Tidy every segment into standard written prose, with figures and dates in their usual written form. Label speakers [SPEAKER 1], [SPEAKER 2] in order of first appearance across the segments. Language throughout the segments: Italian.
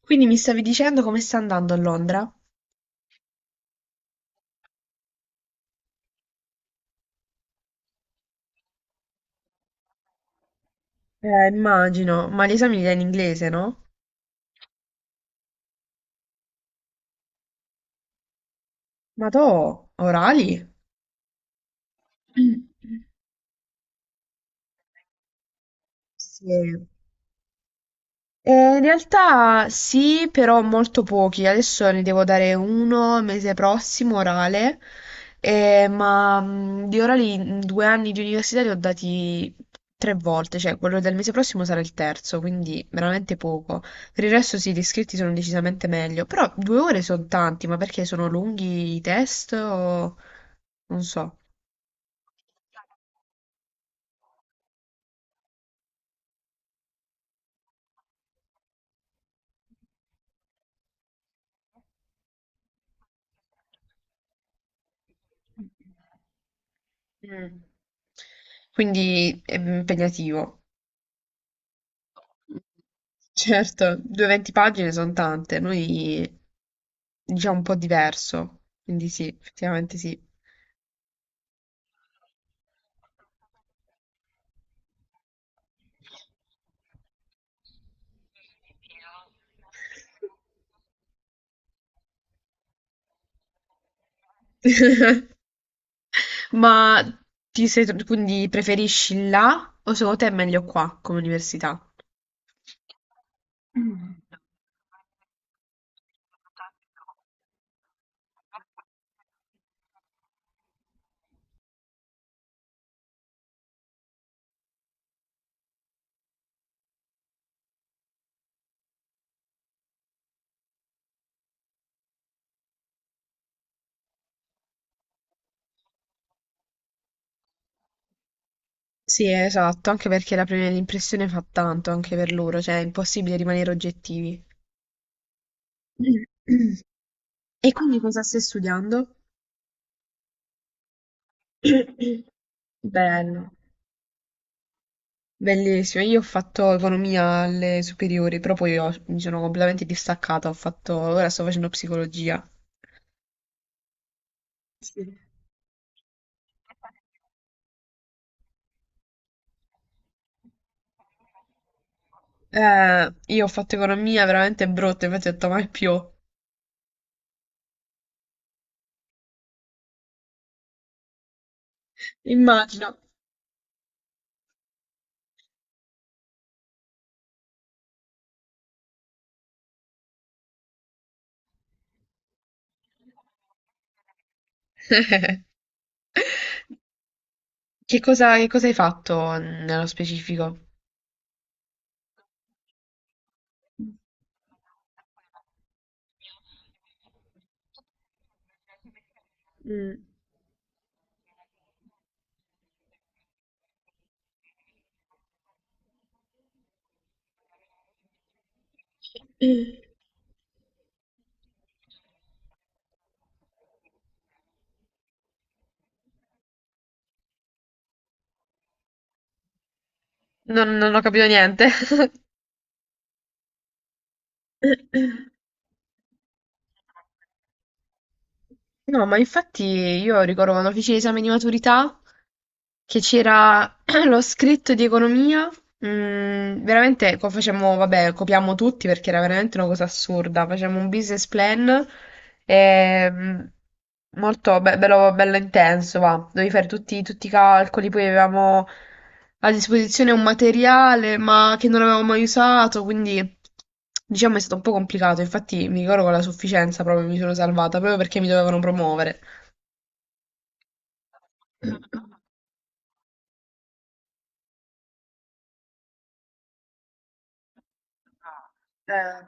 [SPEAKER 1] Quindi mi stavi dicendo come sta andando a Londra? Immagino, ma gli esami li dai in inglese, no? Orali? Mm. Sì. In realtà sì, però molto pochi. Adesso ne devo dare uno mese prossimo, orale. Di orali in due anni di università li ho dati tre volte, cioè quello del mese prossimo sarà il terzo, quindi veramente poco. Per il resto sì, gli iscritti sono decisamente meglio, però due ore sono tanti, ma perché sono lunghi i test o non so. Mm. Quindi è impegnativo. Certo, 220 pagine sono tante, noi diciamo un po' diverso, quindi sì, effettivamente sì. Ma ti sei, quindi preferisci là o secondo te è meglio qua come università? Sì, esatto, anche perché la prima impressione fa tanto anche per loro, cioè è impossibile rimanere oggettivi. E quindi cosa stai studiando? Bello, bellissimo. Io ho fatto economia alle superiori, però poi mi sono completamente distaccata. Ho fatto, ora sto facendo psicologia. Sì. Io ho fatto economia veramente brutta, infatti ho detto mai più. Immagino. Che cosa hai fatto nello specifico? Mh. Mh. Non ho capito niente. No, ma infatti io ricordo quando feci l'esame di maturità che c'era lo scritto di economia. Mm, facciamo, vabbè, copiamo tutti perché era veramente una cosa assurda. Facciamo un business plan, ehm, molto bello, bello intenso, va. Dovevi fare tutti i calcoli, poi avevamo a disposizione un materiale ma che non avevamo mai usato, quindi diciamo è stato un po' complicato. Infatti mi ricordo con la sufficienza proprio mi sono salvata, proprio perché mi dovevano promuovere. Eh,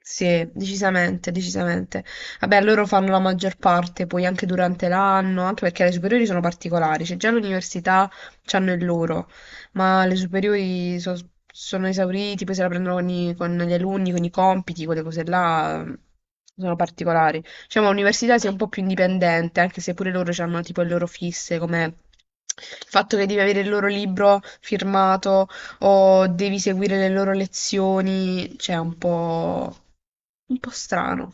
[SPEAKER 1] sì, decisamente, decisamente. Vabbè, loro fanno la maggior parte, poi anche durante l'anno, anche perché le superiori sono particolari, cioè già l'università c'hanno il loro, ma le sono esauriti, poi se la prendono con, con gli alunni, con i compiti, quelle cose là, sono particolari. Diciamo, l'università sia un po' più indipendente, anche se pure loro hanno tipo le loro fisse, come il fatto che devi avere il loro libro firmato o devi seguire le loro lezioni, cioè un po'... Un po' strano.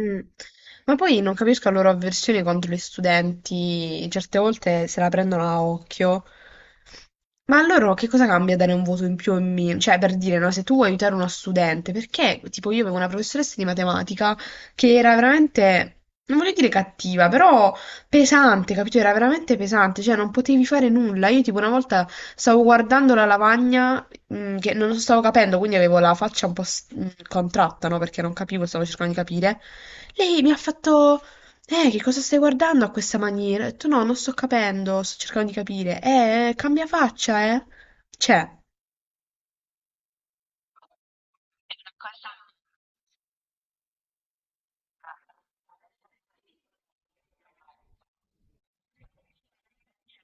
[SPEAKER 1] Mm. Ma poi non capisco la loro avversione contro gli studenti, certe volte se la prendono a occhio. Ma a loro che cosa cambia dare un voto in più o in meno? Cioè, per dire, no, se tu vuoi aiutare uno studente, perché, tipo, io avevo una professoressa di matematica che era veramente, non voglio dire cattiva, però pesante, capito? Era veramente pesante, cioè non potevi fare nulla. Io, tipo, una volta stavo guardando la lavagna, mm, che non stavo capendo, quindi avevo la faccia un po' contratta, no? Perché non capivo, stavo cercando di capire. Lei mi ha fatto, che cosa stai guardando a questa maniera? Ho detto, no, non sto capendo, sto cercando di capire. Cambia faccia, eh. Cioè,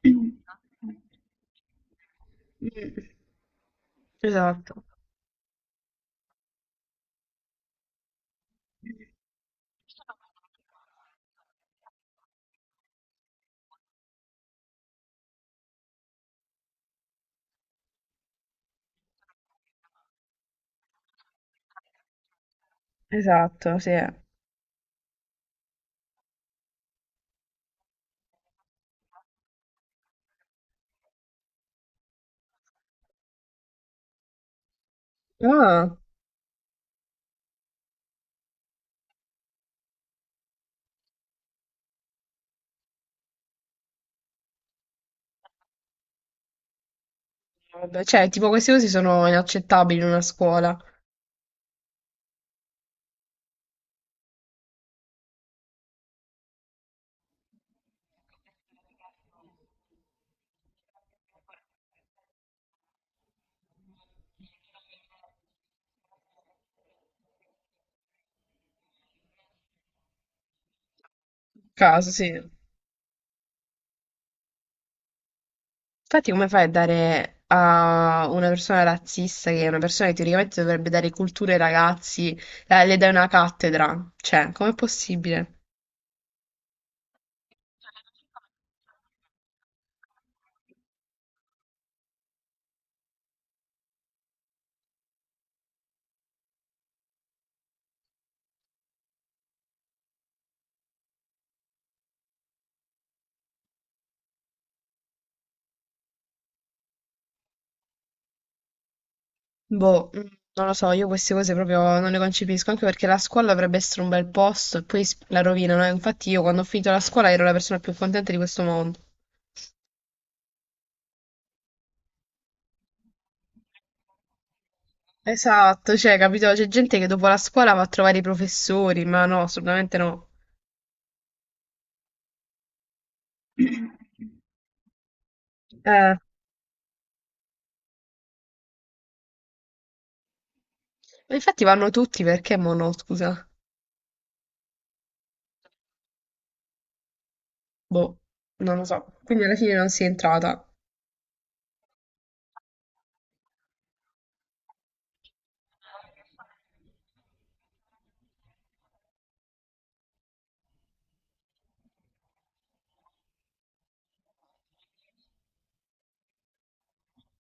[SPEAKER 1] mm. Mm. Esatto. Esatto, sì. Ah, vabbè, cioè, tipo queste cose sono inaccettabili in una scuola. Caso, sì. Infatti, come fai a dare a una persona razzista, che è una persona che teoricamente dovrebbe dare cultura ai ragazzi, le dai una cattedra? Cioè, com'è possibile? Boh, mm, non lo so, io queste cose proprio non le concepisco, anche perché la scuola dovrebbe essere un bel posto e poi la rovinano, eh. Infatti io quando ho finito la scuola ero la persona più contenta di questo mondo. Esatto, cioè, capito? C'è gente che dopo la scuola va a trovare i professori, ma no, assolutamente no. Eh, ma infatti vanno tutti perché mo no, scusa. Boh, non lo so. Quindi alla fine non sei entrata.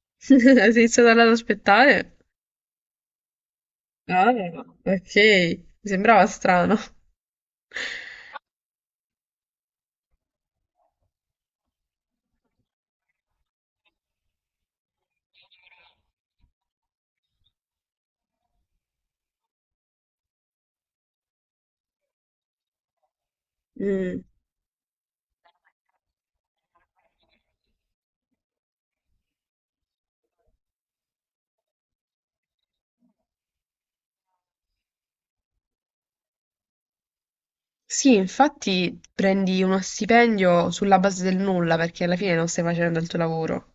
[SPEAKER 1] Sei stata là ad aspettare? Ah, ok, mi sembrava strano. Mm, sì, infatti prendi uno stipendio sulla base del nulla perché alla fine non stai facendo il tuo lavoro.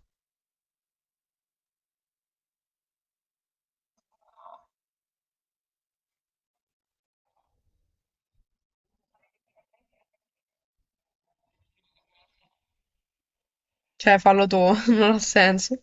[SPEAKER 1] Cioè, fallo tu, non ha senso.